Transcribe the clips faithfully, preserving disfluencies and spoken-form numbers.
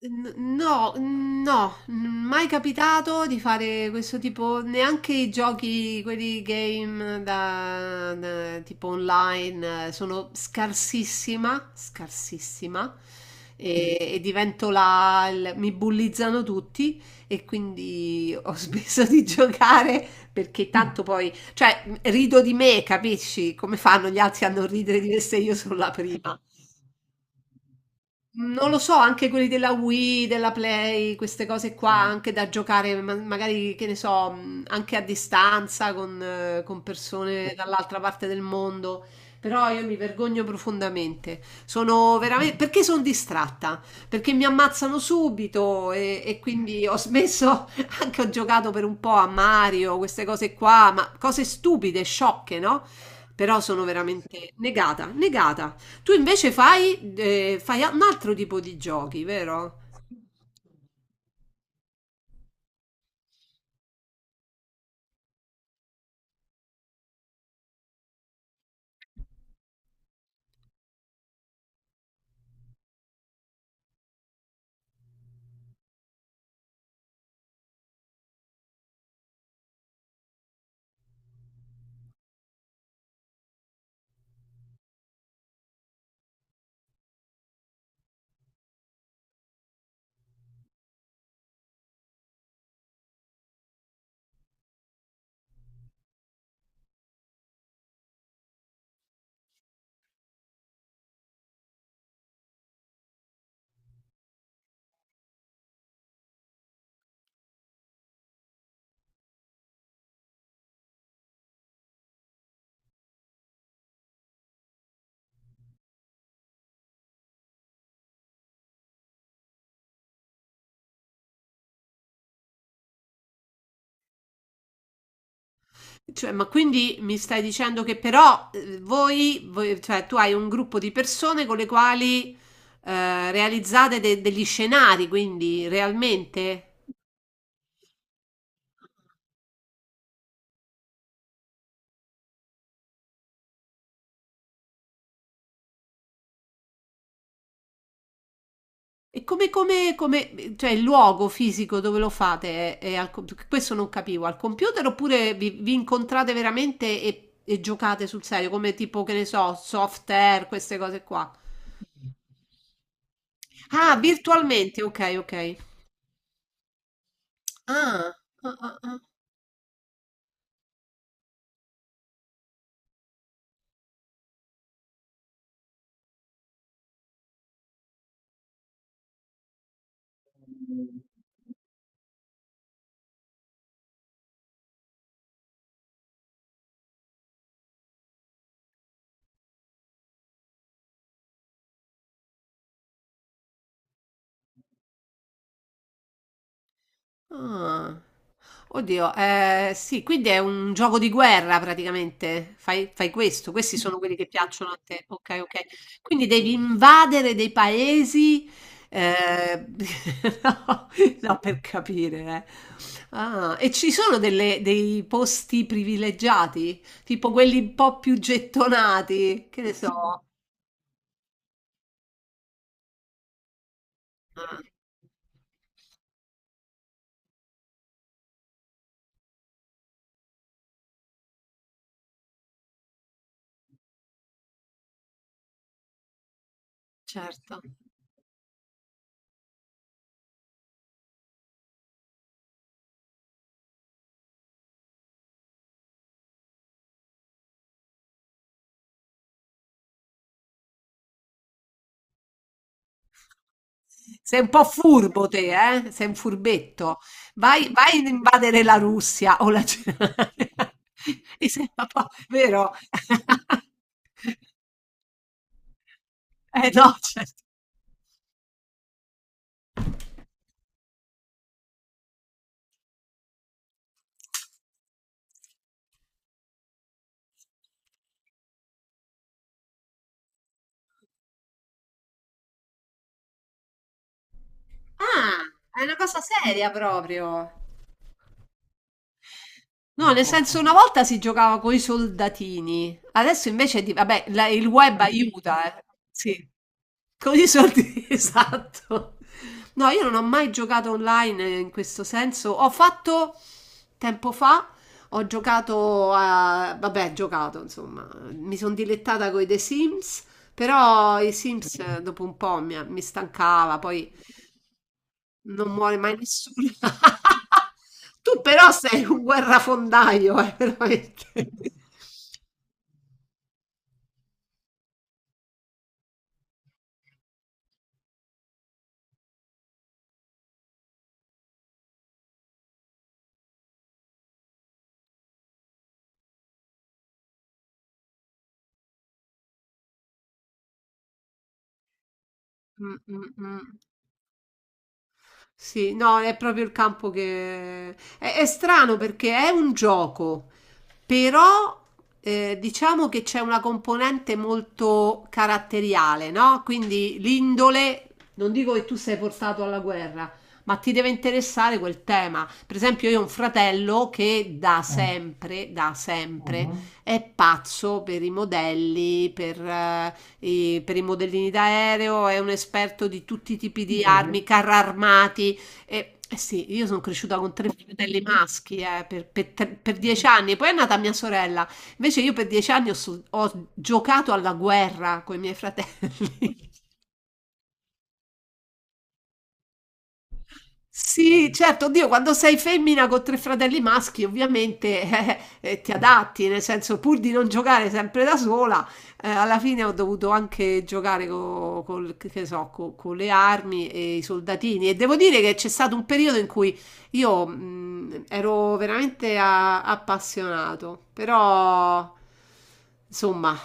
N- No, no, n- mai capitato di fare questo tipo, neanche i giochi, quelli game da, da- tipo online, eh, sono scarsissima, scarsissima e, e divento la, il- mi bullizzano tutti e quindi ho smesso di giocare perché tanto poi, cioè rido di me, capisci? Come fanno gli altri a non ridere di me se io sono la prima? Non lo so, anche quelli della Wii, della Play, queste cose qua, Mm. anche da giocare, ma- magari, che ne so, mh, anche a distanza con, eh, con persone dall'altra parte del mondo. Però io mi vergogno profondamente. Sono veramente. Perché sono distratta? Perché mi ammazzano subito e, e quindi ho smesso, anche ho giocato per un po' a Mario, queste cose qua, ma cose stupide, sciocche, no? Però sono veramente negata, negata. Tu invece fai, eh, fai un altro tipo di giochi, vero? Cioè, ma quindi mi stai dicendo che però eh, voi, voi- cioè tu hai un gruppo di persone con le quali eh, realizzate de- degli scenari, quindi realmente? E come, come, come, cioè il luogo fisico dove lo fate? È, è al co- questo non capivo, al computer oppure vi, vi incontrate veramente e, e giocate sul serio, come tipo, che ne so, soft air, queste cose qua? Ah, virtualmente, ok, ok. Ah, ah, ah, ah, ah. Oddio, eh, sì, quindi è un gioco di guerra praticamente. Fai, fai questo, questi sono quelli che piacciono a te. Ok, ok. Quindi devi invadere dei paesi. eh, no, no, per capire. eh. Ah, e ci sono delle- dei posti privilegiati, tipo quelli un po' più gettonati, che ne so. Ah, certo. Sei un po' furbo te, eh? Sei un furbetto. Vai, vai ad invadere la Russia o la Germania. Mi sembra un po' vero? Eh no, certo. Ah, è una cosa seria proprio. No, nel senso una volta si giocava con i soldatini, adesso invece di, vabbè, la- il web aiuta, eh. Sì. Con i soldi, esatto. No, io non ho mai giocato online in questo senso. Ho fatto tempo fa, ho giocato a, vabbè, giocato, insomma, mi sono dilettata con i The Sims, però i Sims eh, dopo un po' mi, mi stancava, poi non muore mai nessuno. Tu però sei un guerrafondaio, eh, veramente. Mm, mm, mm. Sì, no, è proprio il campo che. È, è strano perché è un gioco, però eh, diciamo che c'è una componente molto caratteriale, no? Quindi l'indole, non dico che tu sei portato alla guerra, ma ti deve interessare quel tema. Per esempio, io ho un fratello che da sempre, da sempre, è pazzo per i modelli, per eh, eh, per i modellini d'aereo, è un esperto di tutti i tipi di armi, carri armati. E, eh sì, io sono cresciuta con tre fratelli maschi eh, per, per tre- per dieci anni, poi è nata mia sorella. Invece io per dieci anni ho, so- ho giocato alla guerra con i miei fratelli. Sì, certo, oddio, quando sei femmina con tre fratelli maschi, ovviamente eh, eh, ti adatti, nel senso, pur di non giocare sempre da sola, eh, alla fine ho dovuto anche giocare co- col- che so, co- con le armi e i soldatini. E devo dire che c'è stato un periodo in cui io mh, ero veramente a- appassionato, però, insomma.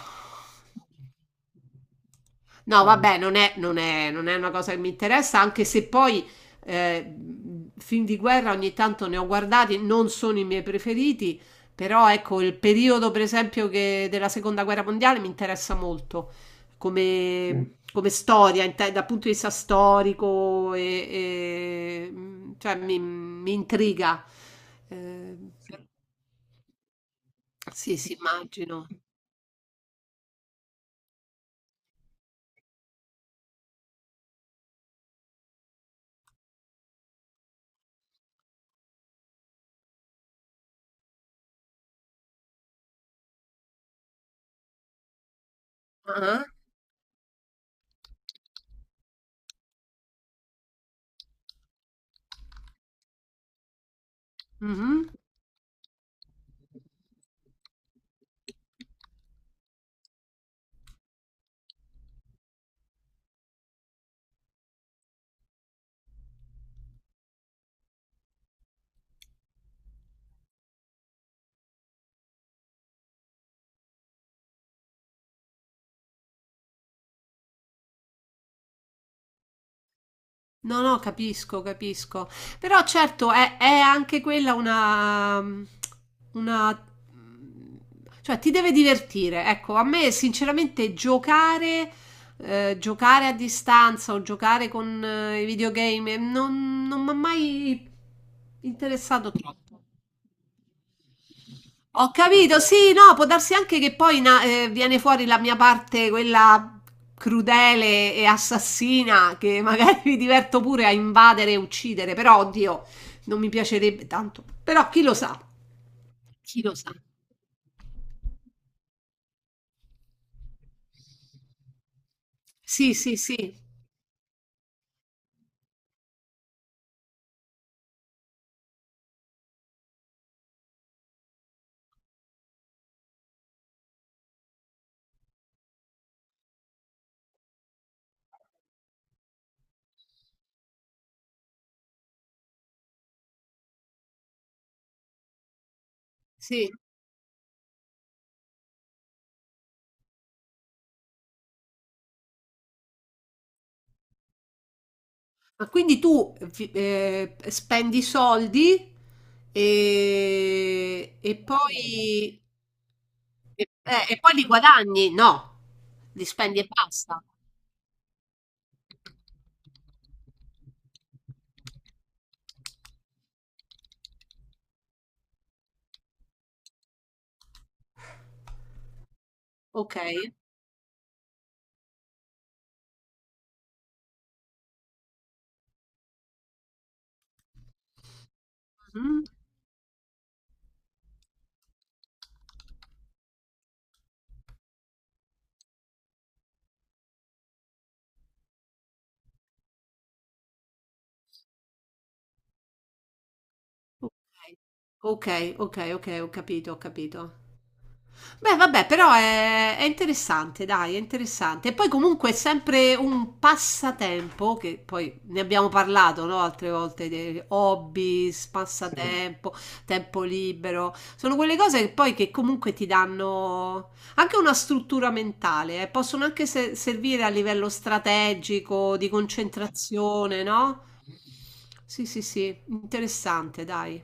No, vabbè, non è, non è- non è una cosa che mi interessa, anche se poi eh, film di guerra ogni tanto ne ho guardati, non sono i miei preferiti, però ecco, il periodo per esempio che- della seconda guerra mondiale mi interessa molto Mm. come, come storia, inte- dal punto di vista storico, e, e, mh, cioè mi, mi intriga. Eh, sì, sì, immagino. Ah, mhm. No, no, capisco, capisco. Però certo è, è anche quella una, una... Cioè ti deve divertire. Ecco, a me sinceramente giocare, eh, giocare a distanza o giocare con eh, i videogame eh, non, non mi ha mai interessato. Ho capito, sì, no, può darsi anche che poi na- eh, viene fuori la mia parte, quella crudele e assassina, che magari mi diverto pure a invadere e uccidere, però oddio, non mi piacerebbe tanto. Però chi lo sa, chi lo sa. Sì, sì, sì, sì. Ma quindi tu vi- eh, spendi soldi e, e poi, e eh, e poi li guadagni? No, li spendi e basta. Ok. Mhm. Ok, ok, ok, ok, ho capito, ho capito. Beh, vabbè, però è, è interessante, dai, è interessante. E poi comunque è sempre un passatempo, che poi ne abbiamo parlato, no? Altre volte, dei hobby, passatempo, tempo libero. Sono quelle cose che poi che comunque ti danno anche una struttura mentale. eh, Possono anche se- servire a livello strategico, di concentrazione, no? Sì, sì, sì, interessante, dai.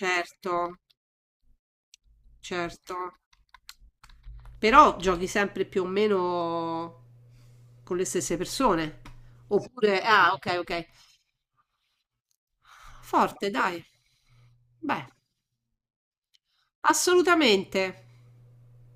Certo, certo. Però giochi sempre più o meno con le stesse persone. Oppure, ah, ok, ok. Forte, dai. Beh, assolutamente.